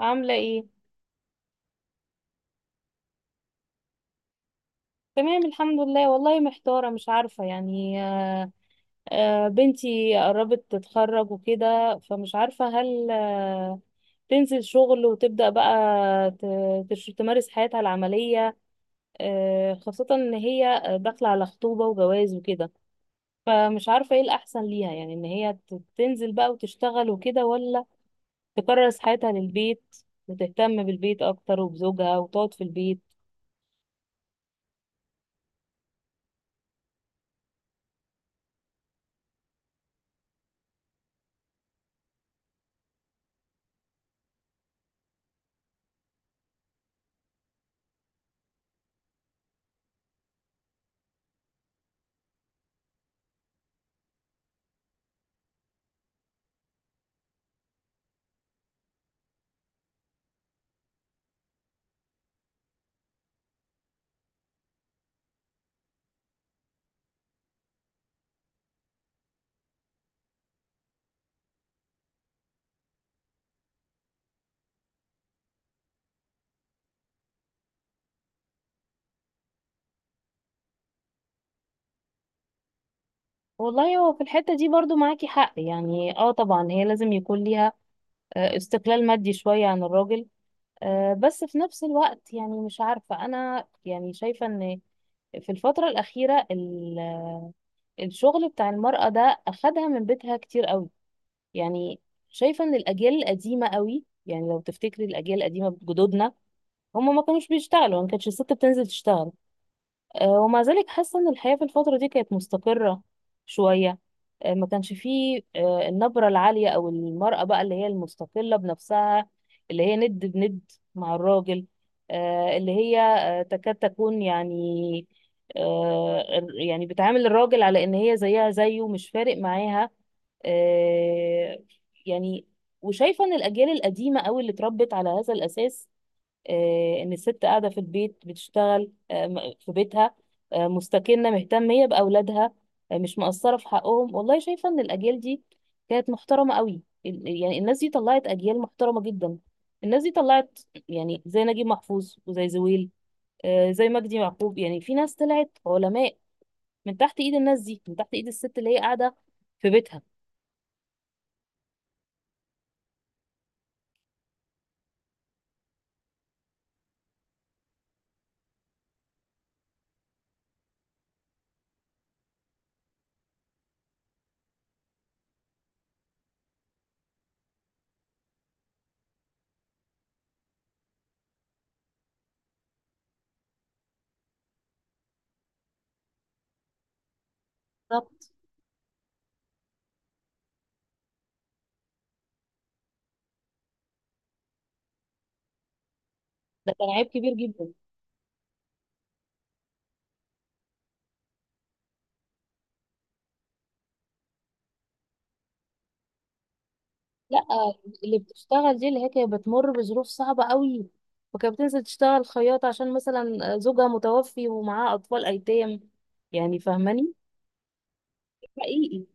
عاملة ايه؟ تمام، الحمد لله. والله محتارة، مش عارفة، يعني بنتي قربت تتخرج وكده، فمش عارفة هل تنزل شغل وتبدأ بقى تمارس حياتها العملية. خاصة ان هي داخلة على خطوبة وجواز وكده، فمش عارفة ايه الأحسن ليها، يعني ان هي تنزل بقى وتشتغل وكده، ولا تكرس حياتها للبيت وتهتم بالبيت أكتر وبزوجها وتقعد في البيت. والله، هو في الحتة دي برضو معاكي حق، يعني اه طبعا هي لازم يكون ليها استقلال مادي شوية عن الراجل. بس في نفس الوقت يعني مش عارفة، أنا يعني شايفة إن في الفترة الأخيرة الشغل بتاع المرأة ده أخدها من بيتها كتير قوي. يعني شايفة إن الأجيال القديمة قوي، يعني لو تفتكري الأجيال القديمة، جدودنا هم ما كانوش بيشتغلوا، ما كانتش الست بتنزل تشتغل. ومع ذلك حاسة ان الحياة في الفترة دي كانت مستقرة شوية. ما كانش فيه النبرة العالية او المرأة بقى اللي هي المستقلة بنفسها، اللي هي ند بند مع الراجل، اللي هي تكاد تكون يعني آه، يعني بتعامل الراجل على ان هي زيها زيه، مش فارق معاها. آه، يعني وشايفة ان الاجيال القديمة قوي اللي اتربت على هذا الاساس، ان الست قاعده في البيت بتشتغل في بيتها، مستكنه مهتميه باولادها، مش مقصره في حقهم. والله شايفه ان الاجيال دي كانت محترمه قوي، يعني الناس دي طلعت اجيال محترمه جدا. الناس دي طلعت يعني زي نجيب محفوظ وزي زويل، زي مجدي يعقوب، يعني في ناس طلعت علماء من تحت ايد الناس دي، من تحت ايد الست اللي هي قاعده في بيتها. بالظبط، ده كان عيب كبير جدا. لا، اللي بتشتغل دي اللي هي كانت بتمر بظروف صعبة قوي، وكانت بتنزل تشتغل خياطة عشان مثلا زوجها متوفي ومعاه أطفال أيتام. يعني فاهماني. حقيقي.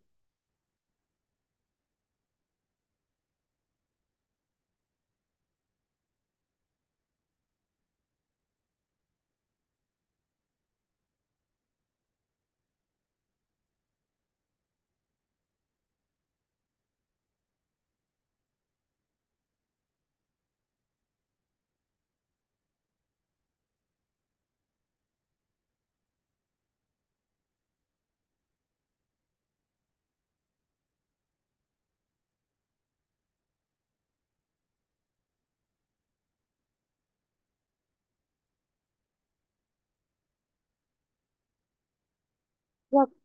بالظبط.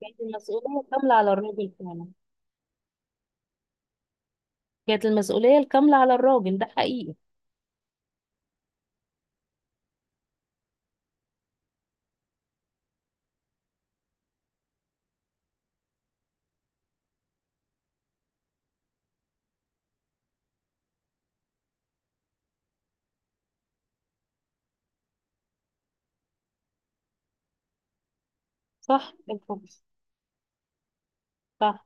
كانت المسؤولية الكاملة على الراجل فعلا. كانت المسؤولية الكاملة على الراجل، ده حقيقي. صح بالفعل. صح.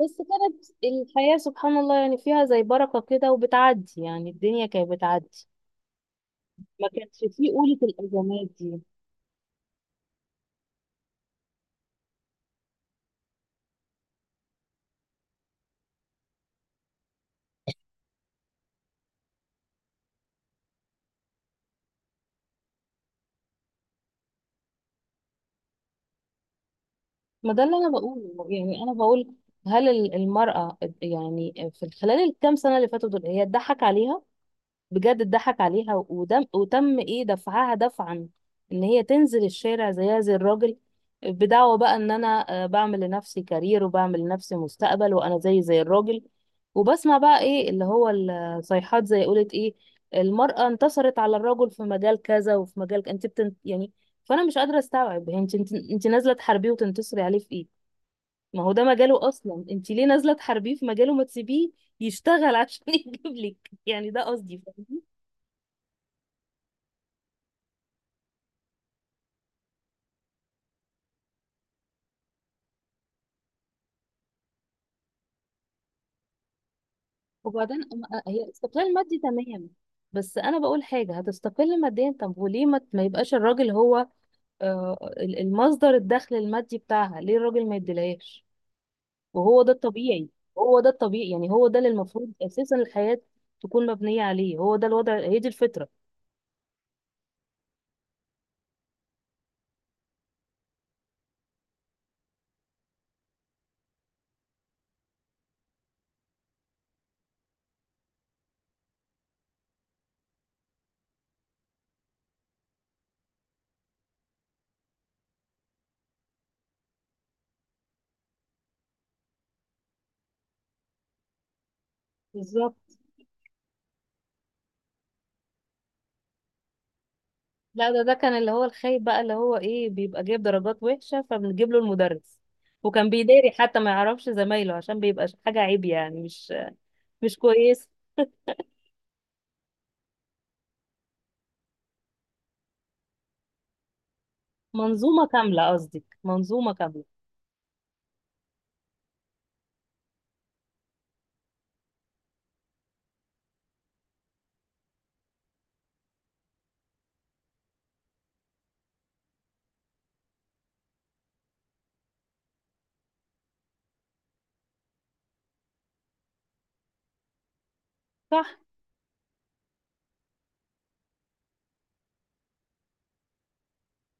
بس كانت الحياة سبحان الله يعني فيها زي بركة كده وبتعدي، يعني الدنيا كانت بتعدي. ما كانش فيه قولة الأزمات دي. ما ده اللي انا بقوله، يعني انا بقول هل المرأة يعني في خلال الكام سنة اللي فاتوا دول هي اتضحك عليها؟ بجد اتضحك عليها، ودم وتم ايه، دفعها دفعا ان هي تنزل الشارع زيها زي الراجل، بدعوة بقى ان انا بعمل لنفسي كارير وبعمل لنفسي مستقبل، وانا زي الراجل. وبسمع بقى ايه اللي هو الصيحات زي قولت ايه، المرأة انتصرت على الرجل في مجال كذا وفي مجال يعني فانا مش قادرة استوعب، هي انت نازلة تحاربيه وتنتصري عليه في ايه؟ ما هو ده مجاله اصلا، انت ليه نازله تحاربيه في مجاله؟ ما تسيبيه يشتغل عشان يجيب لك، يعني ده قصدي، فاهمة؟ وبعدين هي استقلال مادي تمام، بس انا بقول حاجه، هتستقل ماديا، طب وليه ما يبقاش الراجل هو المصدر الدخل المادي بتاعها؟ ليه الراجل ما يديلهاش؟ وهو ده الطبيعي. هو ده الطبيعي، يعني هو ده اللي المفروض اساسا الحياه تكون مبنيه عليه، هو ده الوضع، هي دي الفطره. بالظبط. لا، ده كان اللي هو الخايب بقى، اللي هو ايه، بيبقى جايب درجات وحشة فبنجيب له المدرس، وكان بيداري حتى ما يعرفش زمايله عشان بيبقى حاجة عيب، يعني مش كويس. منظومة كاملة، قصدك منظومة كاملة. صح.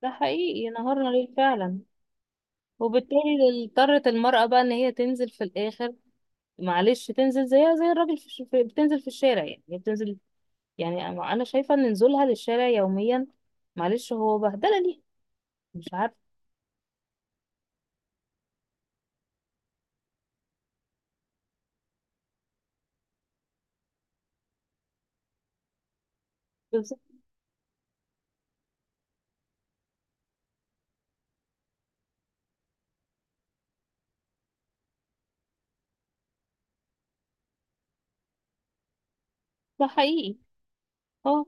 ده حقيقي، نهارنا ليل فعلا. وبالتالي اضطرت المرأة بقى ان هي تنزل في الاخر، معلش، تنزل زيها زي الراجل في بتنزل في الشارع، يعني هي بتنزل. يعني أنا شايفة ان نزولها للشارع يوميا معلش هو بهدلة. ليه؟ مش عارفة. بالظبط. ده حقيقي. اه.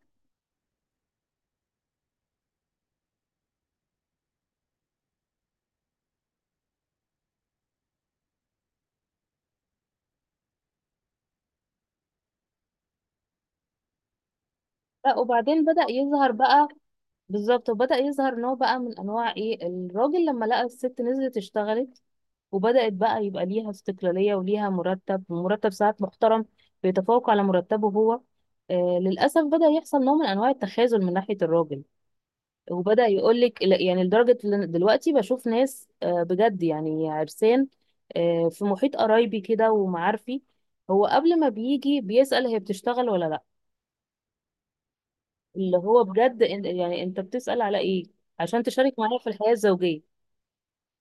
لا وبعدين بدأ يظهر بقى، بالظبط، وبدأ يظهر نوع بقى من انواع ايه، الراجل لما لقى الست نزلت اشتغلت وبدأت بقى يبقى ليها استقلالية وليها مرتب، ومرتب ساعات محترم بيتفوق على مرتبه هو، للأسف بدأ يحصل نوع من انواع التخاذل من ناحية الراجل. وبدأ يقولك يعني لدرجة إن دلوقتي بشوف ناس بجد، يعني عرسان، في محيط قرايبي كده ومعارفي، هو قبل ما بيجي بيسأل هي بتشتغل ولا لا. اللي هو بجد يعني انت بتسأل على ايه؟ عشان تشارك معاه في الحياة الزوجية؟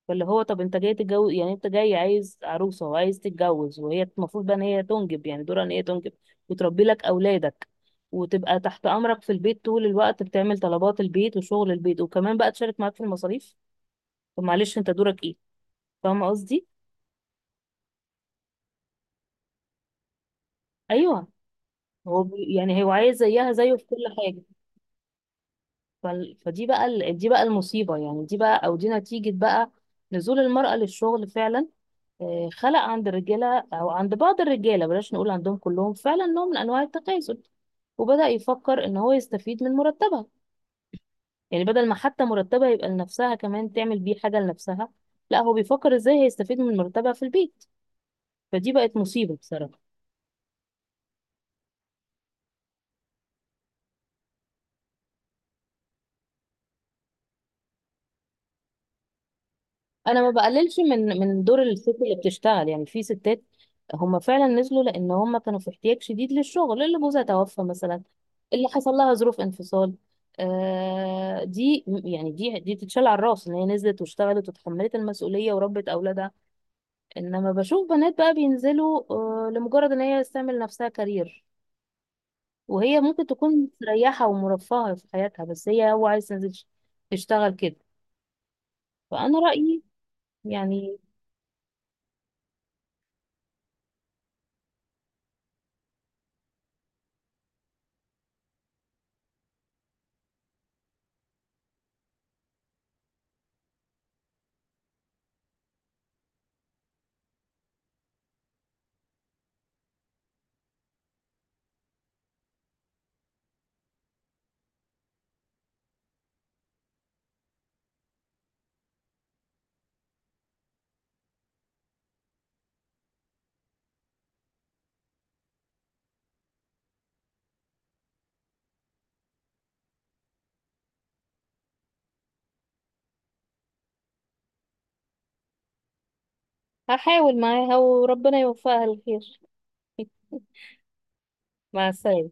فاللي هو طب انت جاي تتجوز، يعني انت جاي عايز عروسة وعايز تتجوز، وهي المفروض بقى ان هي تنجب، يعني دورها ان هي تنجب وتربي لك اولادك، وتبقى تحت امرك في البيت طول الوقت بتعمل طلبات البيت وشغل البيت، وكمان بقى تشارك معاك في المصاريف؟ طب معلش، انت دورك ايه؟ فاهمة قصدي؟ ايوه. هو يعني هو عايز زيها زيه في كل حاجة. فدي بقى دي بقى المصيبة، يعني دي بقى او دي نتيجة بقى نزول المرأة للشغل فعلا. خلق عند الرجالة أو عند بعض الرجالة، بلاش نقول عندهم كلهم، فعلا نوع من أنواع التكاسل، وبدأ يفكر إن هو يستفيد من مرتبها. يعني بدل ما حتى مرتبها يبقى لنفسها كمان تعمل بيه حاجة لنفسها، لا، هو بيفكر إزاي هيستفيد من مرتبها في البيت. فدي بقت مصيبة بصراحة. انا ما بقللش من دور الست اللي بتشتغل، يعني في ستات هم فعلا نزلوا لان هم كانوا في احتياج شديد للشغل، اللي جوزها توفى مثلا، اللي حصل لها ظروف انفصال، دي يعني دي تتشال على الراس ان هي نزلت واشتغلت وتحملت المسؤوليه وربت اولادها. انما بشوف بنات بقى بينزلوا لمجرد ان هي تعمل نفسها كارير، وهي ممكن تكون مستريحه ومرفهه في حياتها، بس هي هو عايز تنزل تشتغل كده. فانا رايي يعني هحاول معاها وربنا يوفقها الخير. مع السلامة.